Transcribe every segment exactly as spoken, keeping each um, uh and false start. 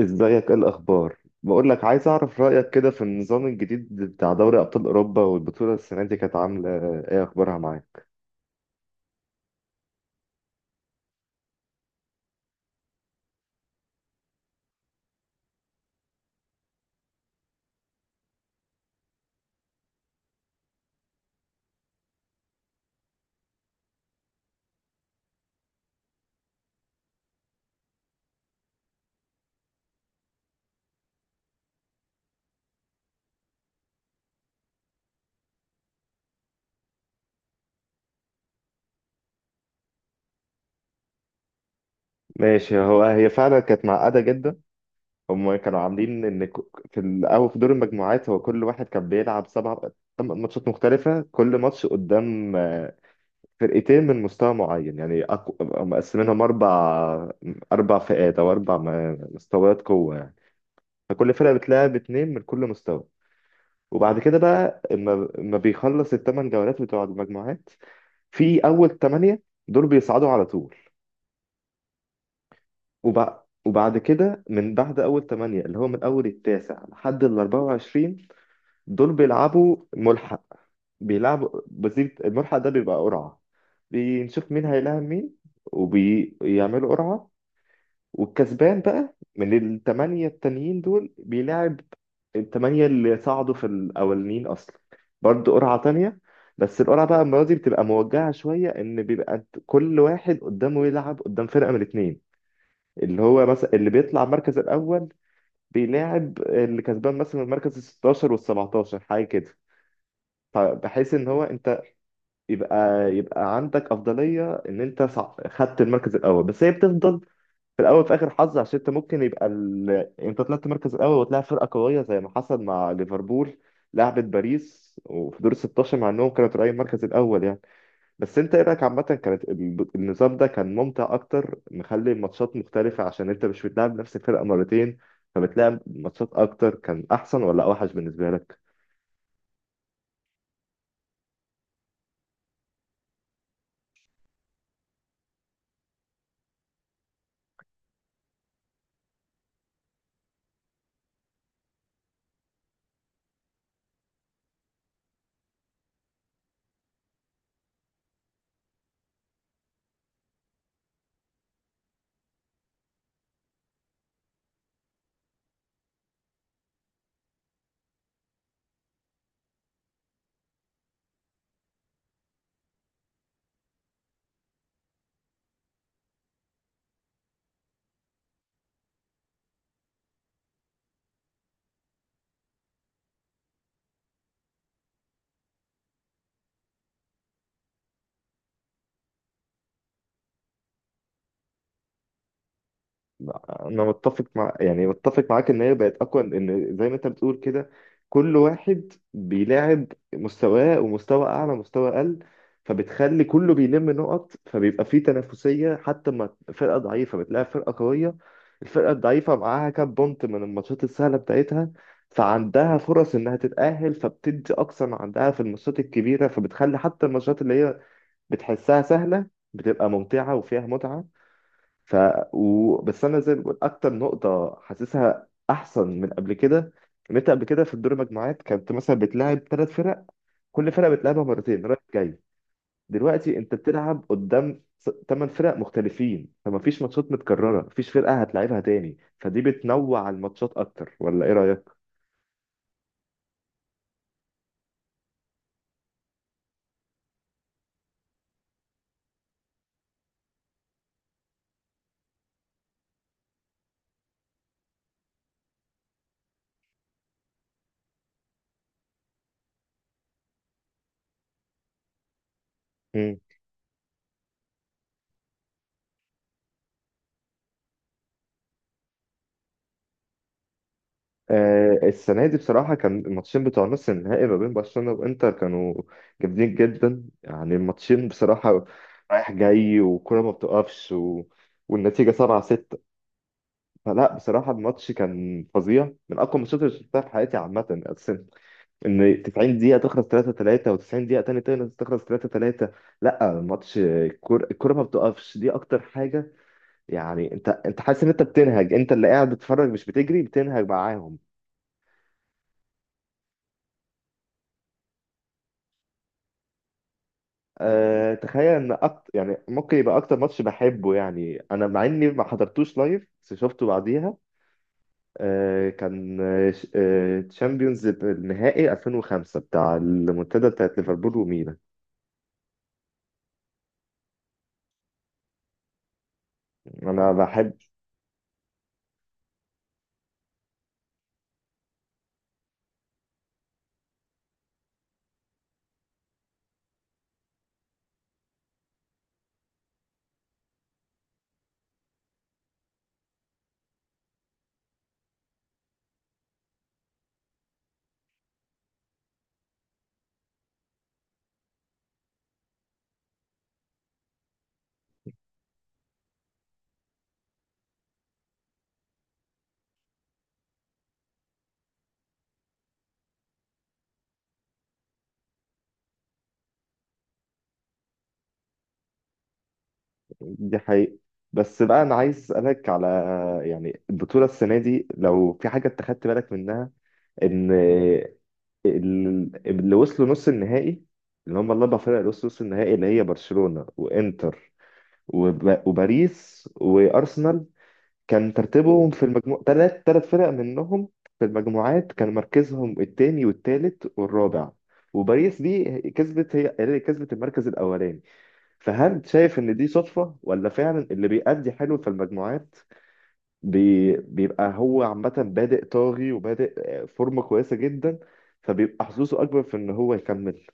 ازيك؟ ايه الاخبار؟ بقول لك عايز اعرف رايك كده في النظام الجديد بتاع دوري ابطال اوروبا. والبطوله السنه دي كانت عامله ايه؟ اخبارها معاك؟ ماشي. هو هي فعلا كانت معقده جدا. هم كانوا عاملين ان ك- في الاول في دور المجموعات هو كل واحد كان بيلعب سبع، ثمان ماتشات مختلفه، كل ماتش قدام آه، فرقتين من مستوى معين، يعني أقو... مقسمينهم اربع، اربع فئات او اربع م- مستويات قوه يعني. فكل فرقه بتلعب اتنين من كل مستوى. وبعد كده بقى اما اما بيخلص الثمان جولات بتوع المجموعات، في اول ثمانية دول بيصعدوا على طول. وبعد وبعد كده من بعد اول ثمانية، اللي هو من اول التاسع لحد ال اربعة وعشرين، دول بيلعبوا ملحق. بيلعبوا بسيط. الملحق ده بيبقى قرعة، بنشوف مين هيلاعب مين. وبيعملوا قرعة، والكسبان بقى من الثمانية التانيين دول بيلعب الثمانية اللي صعدوا في الأولين أصلا، برضه قرعة تانية. بس القرعة بقى المرة دي بتبقى موجهة شوية، إن بيبقى أنت- كل واحد قدامه يلعب قدام فرقة من الاتنين، اللي هو مثلا اللي بيطلع المركز الأول بيلاعب اللي كسبان مثلا المركز ال ستة عشر وال سبعتاشر حاجة كده. فبحيث إن هو أنت يبقى يبقى عندك أفضلية إن أنت صع- خدت المركز الأول، بس هي بتفضل في الاول في اخر حظ، عشان انت ممكن يبقى ال... يعني انت طلعت مركز الاول وتلاعب فرقه قويه زي ما حصل مع ليفربول، لعبت باريس وفي دور ال ستاشر مع انهم كانوا طالعين المركز الاول يعني. بس انت ايه رايك عامه؟ كانت ال- النظام ده كان ممتع اكتر، مخلي الماتشات مختلفه عشان انت مش بتلعب نفس الفرقه مرتين، فبتلعب ماتشات اكتر. كان احسن ولا اوحش بالنسبه لك؟ انا متفق مع، يعني متفق معاك ان هي بقت اقوى، ان زي ما انت بتقول كده كل واحد بيلاعب مستواه ومستوى اعلى مستوى اقل، فبتخلي كله بيلم نقط، فبيبقى فيه تنافسية. حتى ما فرقة ضعيفة بتلاعب فرقة قوية، الفرقة الضعيفة معاها كام بونت من الماتشات السهلة بتاعتها، فعندها فرص انها تتأهل، فبتدي اقصى ما عندها في الماتشات الكبيرة، فبتخلي حتى الماتشات اللي هي بتحسها سهلة بتبقى ممتعة وفيها متعة. ف و... بس انا زي ما بقول، اكتر نقطه حاسسها احسن من قبل كده ان انت قبل كده في الدور المجموعات كنت مثلا بتلاعب ثلاث فرق، كل فرقه بتلعبها مرتين رايح جاي. دلوقتي انت بتلعب قدام ثمان فرق مختلفين، فما فيش ماتشات متكرره، مفيش فرقه هتلعبها تاني. فدي بتنوع الماتشات اكتر، ولا ايه رايك؟ آه، السنة دي بصراحة كان الماتشين بتوع نص النهائي ما بين برشلونة وإنتر كانوا جامدين جدا. يعني الماتشين بصراحة رايح جاي، والكرة ما بتقفش و... والنتيجة سبعة ستة. فلا بصراحة الماتش كان فظيع، من أقوى الماتشات اللي شفتها في حياتي عامة أصلا. إن تسعين دقيقة تخلص ثلاثة ثلاثة و90 دقيقة تاني تاني تخلص ثلاثة ثلاثة. لا، الماتش، الكرة الكرة ما بتقفش، دي أكتر حاجة. يعني أنت أنت حاسس إن أنت بتنهج، أنت اللي قاعد بتتفرج مش بتجري، بتنهج معاهم. أه تخيل ان أكتر، يعني ممكن يبقى اكتر ماتش بحبه يعني، انا مع اني ما حضرتوش لايف بس شفته بعديها. أه كان تشامبيونز النهائي الفين وخمسة بتاع المنتدى بتاعت ليفربول وميلان. انا بحب. دي حقيقة. بس بقى انا عايز اسالك على، يعني البطولة السنة دي لو في حاجة انت خدت بالك منها، ان ال- اللي وصلوا نص النهائي، اللي هم الاربع فرق اللي وصلوا نص النهائي اللي هي برشلونة وانتر وب- وباريس وارسنال، كان ترتيبهم في المجموع ثلاث، ثلاث فرق منهم في المجموعات كان مركزهم الثاني والثالث والرابع، وباريس دي كسبت، هي اللي كسبت المركز الاولاني. فهل شايف ان دي صدفة ولا فعلا اللي بيأدي حلو في المجموعات بي بيبقى هو عامة بادئ طاغي وبادئ آه، فورمة كويسة جدا، فبيبقى حظوظه اكبر في ان هو يكمل؟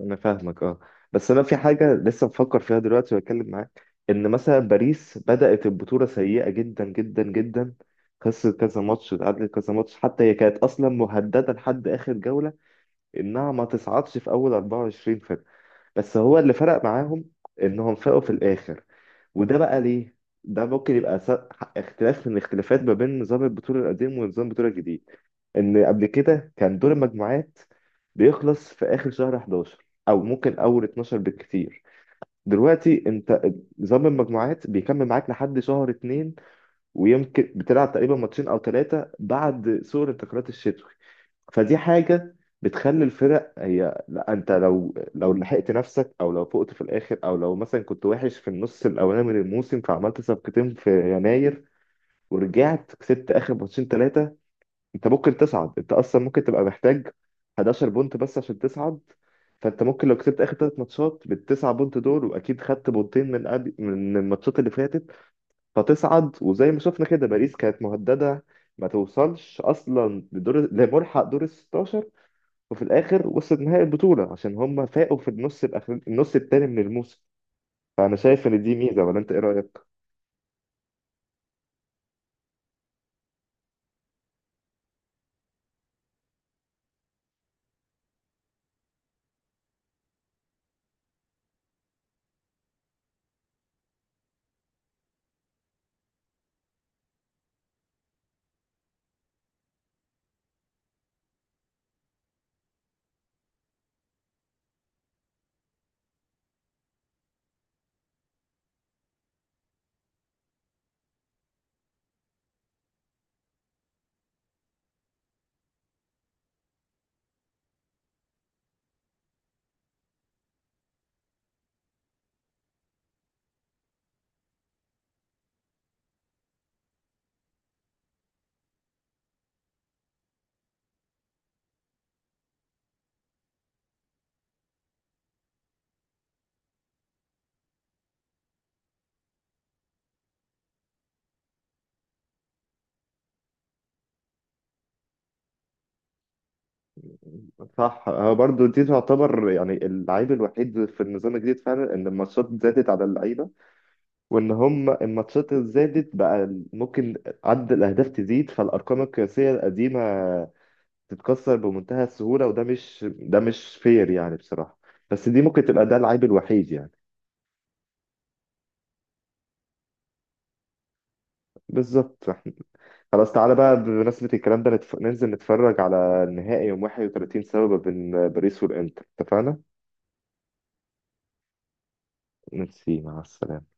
انا فاهمك اه. بس انا في حاجه لسه بفكر فيها دلوقتي واتكلم معاك، ان مثلا باريس بدات البطوله سيئه جدا جدا جدا، خسرت كذا ماتش، اتعادلت كذا ماتش، حتى هي كانت اصلا مهدده لحد اخر جوله انها ما تصعدش في اول اربعة وعشرين فرقه. بس هو اللي فرق معاهم انهم فاقوا في الاخر. وده بقى ليه؟ ده ممكن يبقى س- اختلاف من الاختلافات ما بين نظام البطوله القديم ونظام البطوله الجديد، ان قبل كده كان دور المجموعات بيخلص في اخر شهر احد عشر او ممكن اول اتناشر بالكتير. دلوقتي انت نظام المجموعات بيكمل معاك لحد شهر اتنين، ويمكن بتلعب تقريبا ماتشين او ثلاثه بعد سور الانتقالات الشتوي. فدي حاجه بتخلي الفرق، هي لا، انت لو لو لحقت نفسك او لو فقت في الاخر، او لو مثلا كنت وحش في النص الاولاني من الموسم فعملت صفقتين في يناير ورجعت كسبت اخر ماتشين ثلاثه، انت ممكن تصعد. انت اصلا ممكن تبقى محتاج حداشر بونت بس عشان تصعد، فانت ممكن لو كسبت اخر ثلاث ماتشات بالتسعة بونت دول، واكيد خدت بونتين من قبل من الماتشات اللي فاتت، فتصعد. وزي ما شفنا كده باريس كانت مهدده ما توصلش اصلا لدور، لملحق دور ال ستاشر، وفي الاخر وصلت نهائي البطوله عشان هم فاقوا في النص الاخر، النص التاني من الموسم. فانا شايف ان دي ميزه، ولا انت ايه رايك؟ صح، هو برضو دي تعتبر يعني اللعيب الوحيد في النظام الجديد فعلا، ان الماتشات زادت على اللعيبه، وان هم الماتشات اللي زادت بقى ممكن عدد الاهداف تزيد، فالارقام القياسيه القديمه تتكسر بمنتهى السهوله، وده مش ده مش فير يعني بصراحه. بس دي ممكن تبقى، ده العيب الوحيد يعني. بالظبط. احنا خلاص، تعالى بقى بمناسبة الكلام ده نتف... ننزل نتفرج على النهائي يوم واحد وثلاثين سبب بين باريس والإنتر، اتفقنا؟ ميرسي، مع السلامة.